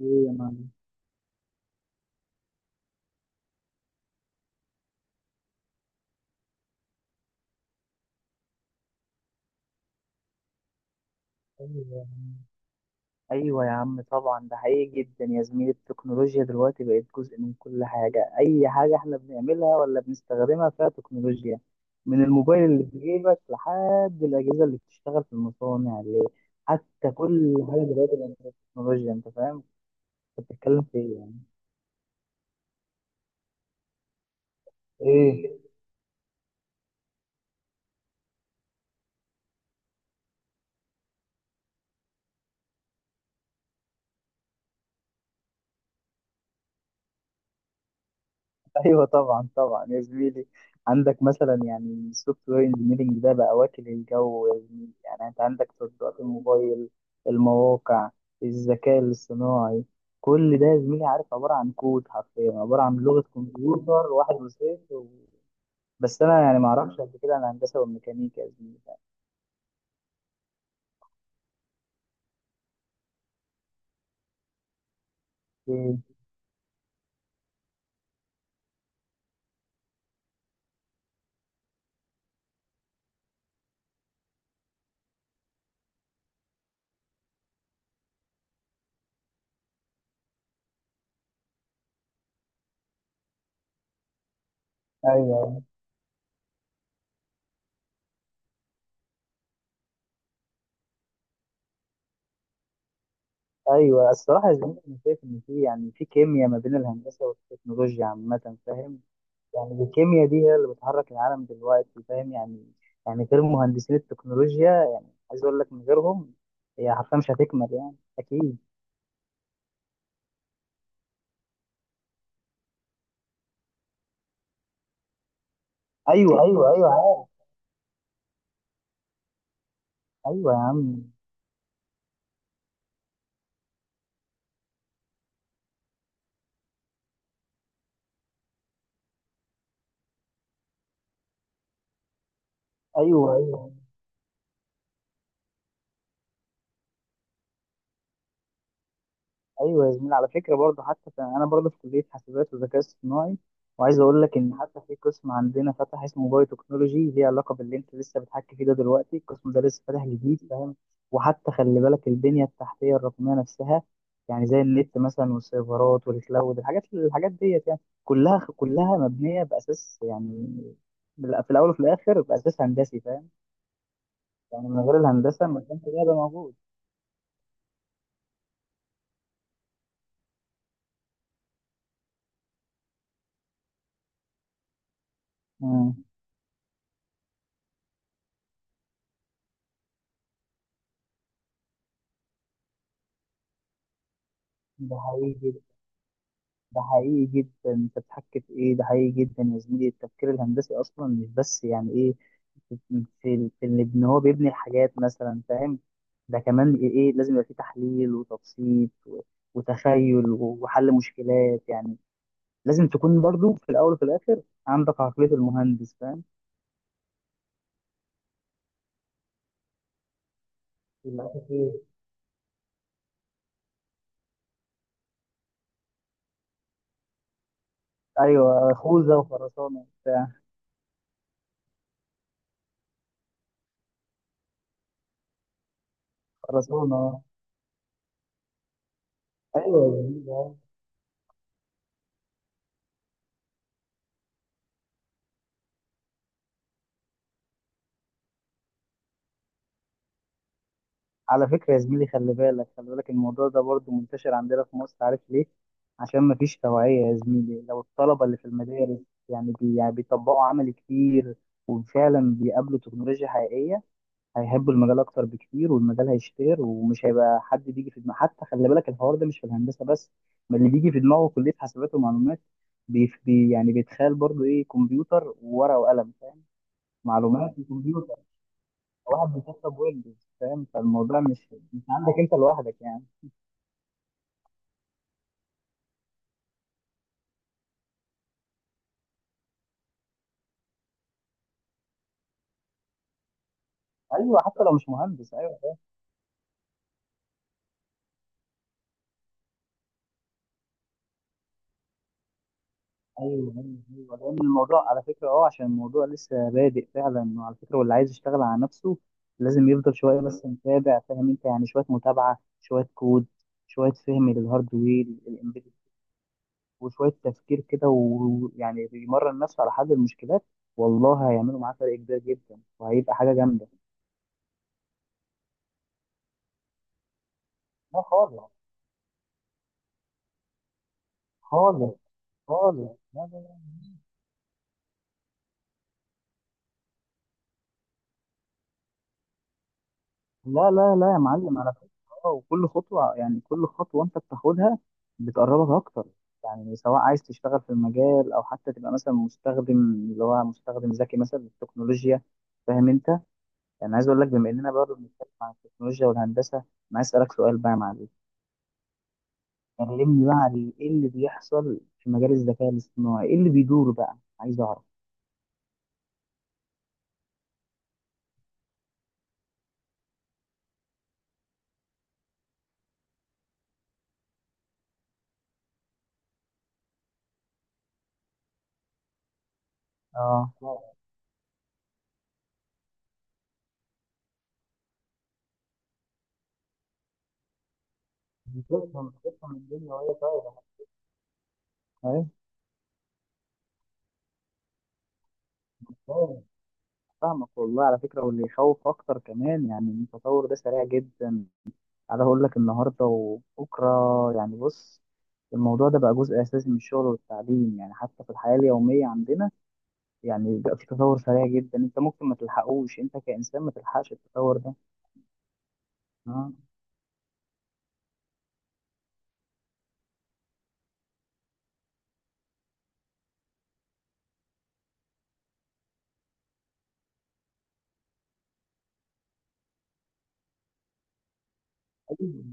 ايه يا معلم؟ ايوه يا عم. ايوه يا عم، طبعا ده حقيقي جدا يا زميلي، التكنولوجيا دلوقتي بقت جزء من كل حاجه، اي حاجه احنا بنعملها ولا بنستخدمها فيها تكنولوجيا. من الموبايل اللي في جيبك لحد الاجهزه اللي بتشتغل في المصانع حتى كل حاجه دلوقتي بقت فيها تكنولوجيا، انت فاهم. انت بتتكلم في ايه يعني؟ ايه. ايوه، طبعا طبعا يا زميلي، عندك مثلا يعني السوفت وير انجينيرنج ده بقى واكل الجو يا زميلي، يعني انت عندك تطبيقات الموبايل، المواقع، الذكاء الاصطناعي، كل ده يا زميلي، عارف، عباره عن كود، حرفيا عباره عن لغه كمبيوتر، واحد وصفر بس انا يعني ما اعرفش قد كده عن الهندسه والميكانيكا يا زميلي. إيه، ايوه ايوه الصراحه يا زميلي، انا شايف ان يعني في كيمياء ما بين الهندسه والتكنولوجيا عامه، فاهم، يعني الكيمياء دي هي اللي بتحرك العالم دلوقتي، فاهم يعني، يعني غير مهندسين التكنولوجيا، يعني عايز اقول لك من غيرهم، هي حرفيا مش هتكمل يعني اكيد. ايوه، ايوه، ايوه، عارف. ايوه يا عم. ايوه، ايوه، ايوه، يا زميلي، على فكره برضه حتى انا برضه في كليه حاسبات وذكاء اصطناعي، وعايز اقول لك ان حتى في قسم عندنا فتح اسمه بايو تكنولوجي، ليه علاقه باللي انت لسه بتحكي فيه ده، دلوقتي القسم ده لسه فاتح جديد، فاهم. وحتى خلي بالك البنيه التحتيه الرقميه نفسها، يعني زي النت مثلا والسيرفرات والكلاود، الحاجات ديت يعني، كلها كلها مبنيه باساس يعني، في الاول وفي الاخر باساس هندسي، فاهم. يعني من غير الهندسه ما كانش ده يبقى موجود. مم. ده حقيقي، ده حقيقي جدا، انت بتحكي في ايه؟ ده حقيقي جدا يا زميلي، التفكير الهندسي اصلا مش بس يعني ايه، في في في ان إن هو بيبني الحاجات مثلا، فاهم، ده كمان ايه، لازم يبقى فيه تحليل وتبسيط وتخيل وحل مشكلات يعني، لازم تكون برضو في الاول وفي الاخر عندك عقلية المهندس، فاهم. للأسف إيه. ايوه، خوذة وخرسانة وبتاع. خرسانة. أيوه يا زميلي، على فكرة يا زميلي، خلي بالك خلي بالك الموضوع ده برضو منتشر عندنا في مصر، عارف ليه؟ عشان مفيش توعية يا زميلي، لو الطلبة اللي في المدارس يعني, بي يعني بيطبقوا عمل كتير وفعلا بيقابلوا تكنولوجيا حقيقية، هيحبوا المجال أكتر بكتير والمجال هيشتهر ومش هيبقى حد بيجي في دماغه، حتى خلي بالك الحوار ده مش في الهندسة بس، ما اللي بيجي في دماغه كلية حاسبات ومعلومات، يعني بيتخيل برضو إيه، كمبيوتر وورقة وقلم، فاهم؟ معلومات وكمبيوتر. واحد بيشرب ويلدز فاهم، فالموضوع مش عندك انت لوحدك يعني. ايوه حتى لو مش مهندس، ايوه. ايوه، ايوه، ايوه، لان الموضوع على فكره، عشان الموضوع لسه بادئ فعلا، وعلى فكره واللي عايز يشتغل على نفسه لازم يفضل شويه بس متابع، فاهم انت، يعني شويه متابعه، شويه كود، شويه فهم للهاردوير الامبيدد، وشويه تفكير كده ويعني بيمرن نفسه على حل المشكلات، والله هيعملوا معاه فرق كبير جدا وهيبقى حاجه جامده. لا خالص. خالص. خالص، لا، لا. لا، لا، لا، يا معلم على فكرة. اه، وكل خطوة، يعني كل خطوة أنت بتاخدها بتقربك أكتر، يعني سواء عايز تشتغل في المجال أو حتى تبقى مثلا مستخدم، اللي هو مستخدم ذكي مثلا للتكنولوجيا، فاهم أنت؟ يعني عايز أقول لك بما إننا برضه بنتكلم عن التكنولوجيا والهندسة، أنا عايز أسألك سؤال بقى يا معلم، كلمني بقى عن إيه اللي بيحصل في مجال الذكاء الاصطناعي، إيه اللي بيدور بقى، عايز أعرف. اه. بتفهم الدنيا وهي طايرة. أيوة، فاهمك والله، على فكرة واللي يخوف أكتر كمان يعني إن التطور ده سريع جدا، أنا أقول لك النهاردة وبكرة، يعني بص، الموضوع ده بقى جزء أساسي من الشغل والتعليم، يعني حتى في الحياة اليومية عندنا، يعني بقى في تطور سريع جدا، أنت ممكن ما تلحقوش، أنت كإنسان ما تلحقش التطور ده. آه. أيوه،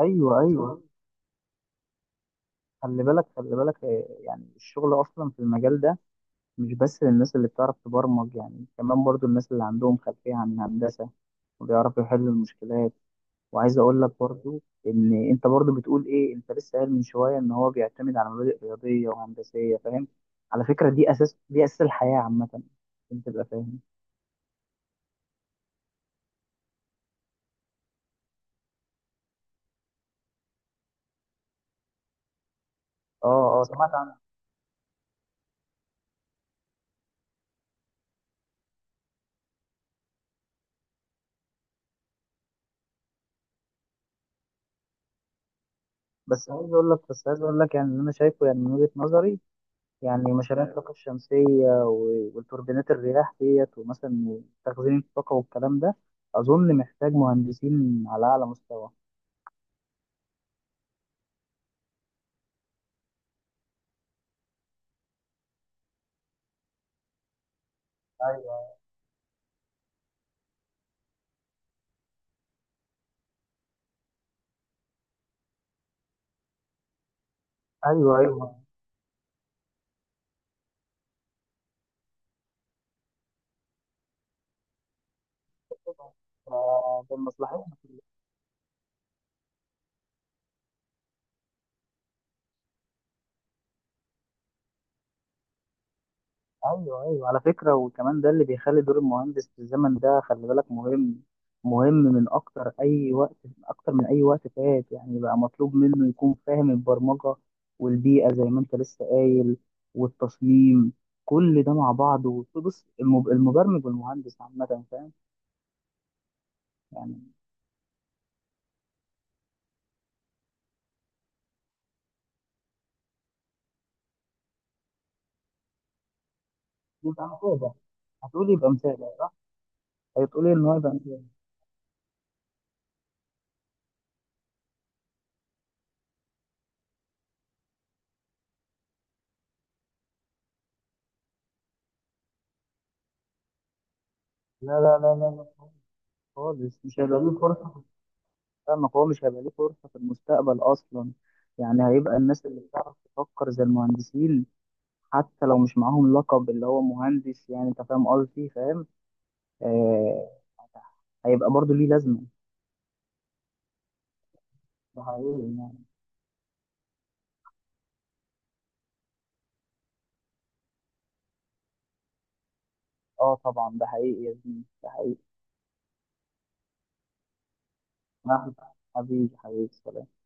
أيوه، أيوه، خلي بالك خلي بالك، يعني الشغل أصلا في المجال ده مش بس للناس اللي بتعرف تبرمج، يعني كمان برضو الناس اللي عندهم خلفية عن الهندسة وبيعرفوا يحلوا المشكلات، وعايز اقول لك برضو ان انت برضو بتقول ايه، انت لسه قايل من شويه ان هو بيعتمد على مبادئ رياضيه وهندسيه، فاهم، على فكره دي اساس الحياه عامه، انت تبقى فاهم. اه، اه، سمعت عنها. بس عايز اقول لك يعني اللي انا شايفه يعني من وجهه نظري، يعني مشاريع الطاقه الشمسيه والتوربينات الرياح ديت ومثلا تخزين الطاقه والكلام ده، اظن محتاج مهندسين على اعلى مستوى. ايوه، ايوه، ايوه، فبالمصلحه. ايوه، ايوه، على فكره وكمان ده اللي بيخلي دور المهندس في الزمن ده خلي بالك مهم، مهم من اكتر اي وقت، اكتر من اي وقت فات، يعني بقى مطلوب منه يكون فاهم البرمجه والبيئه زي ما انت لسه قايل، والتصميم، كل ده مع بعضه، بص المبرمج والمهندس عامه، فاهم يعني. يبقى مثابه. هتقول يبقى مثابه. هتقول ايه، ان هو يبقى مثابه. لا، لا، لا، لا، لا، خالص مش هيبقى ليه فرصه. فاهمك، هو مش هيبقى ليه فرصة في المستقبل أصلا، يعني هيبقى الناس اللي بتعرف تفكر زي المهندسين، حتى لو مش معاهم لقب اللي هو مهندس، يعني أنت فاهم قصدي، فاهم. آه. هيبقى برضه ليه لازمة. ده حقيقي يعني. أه طبعا، ده حقيقي يا زميلي، ده حقيقي. أهلا. حبيبي حبيبي، سلام.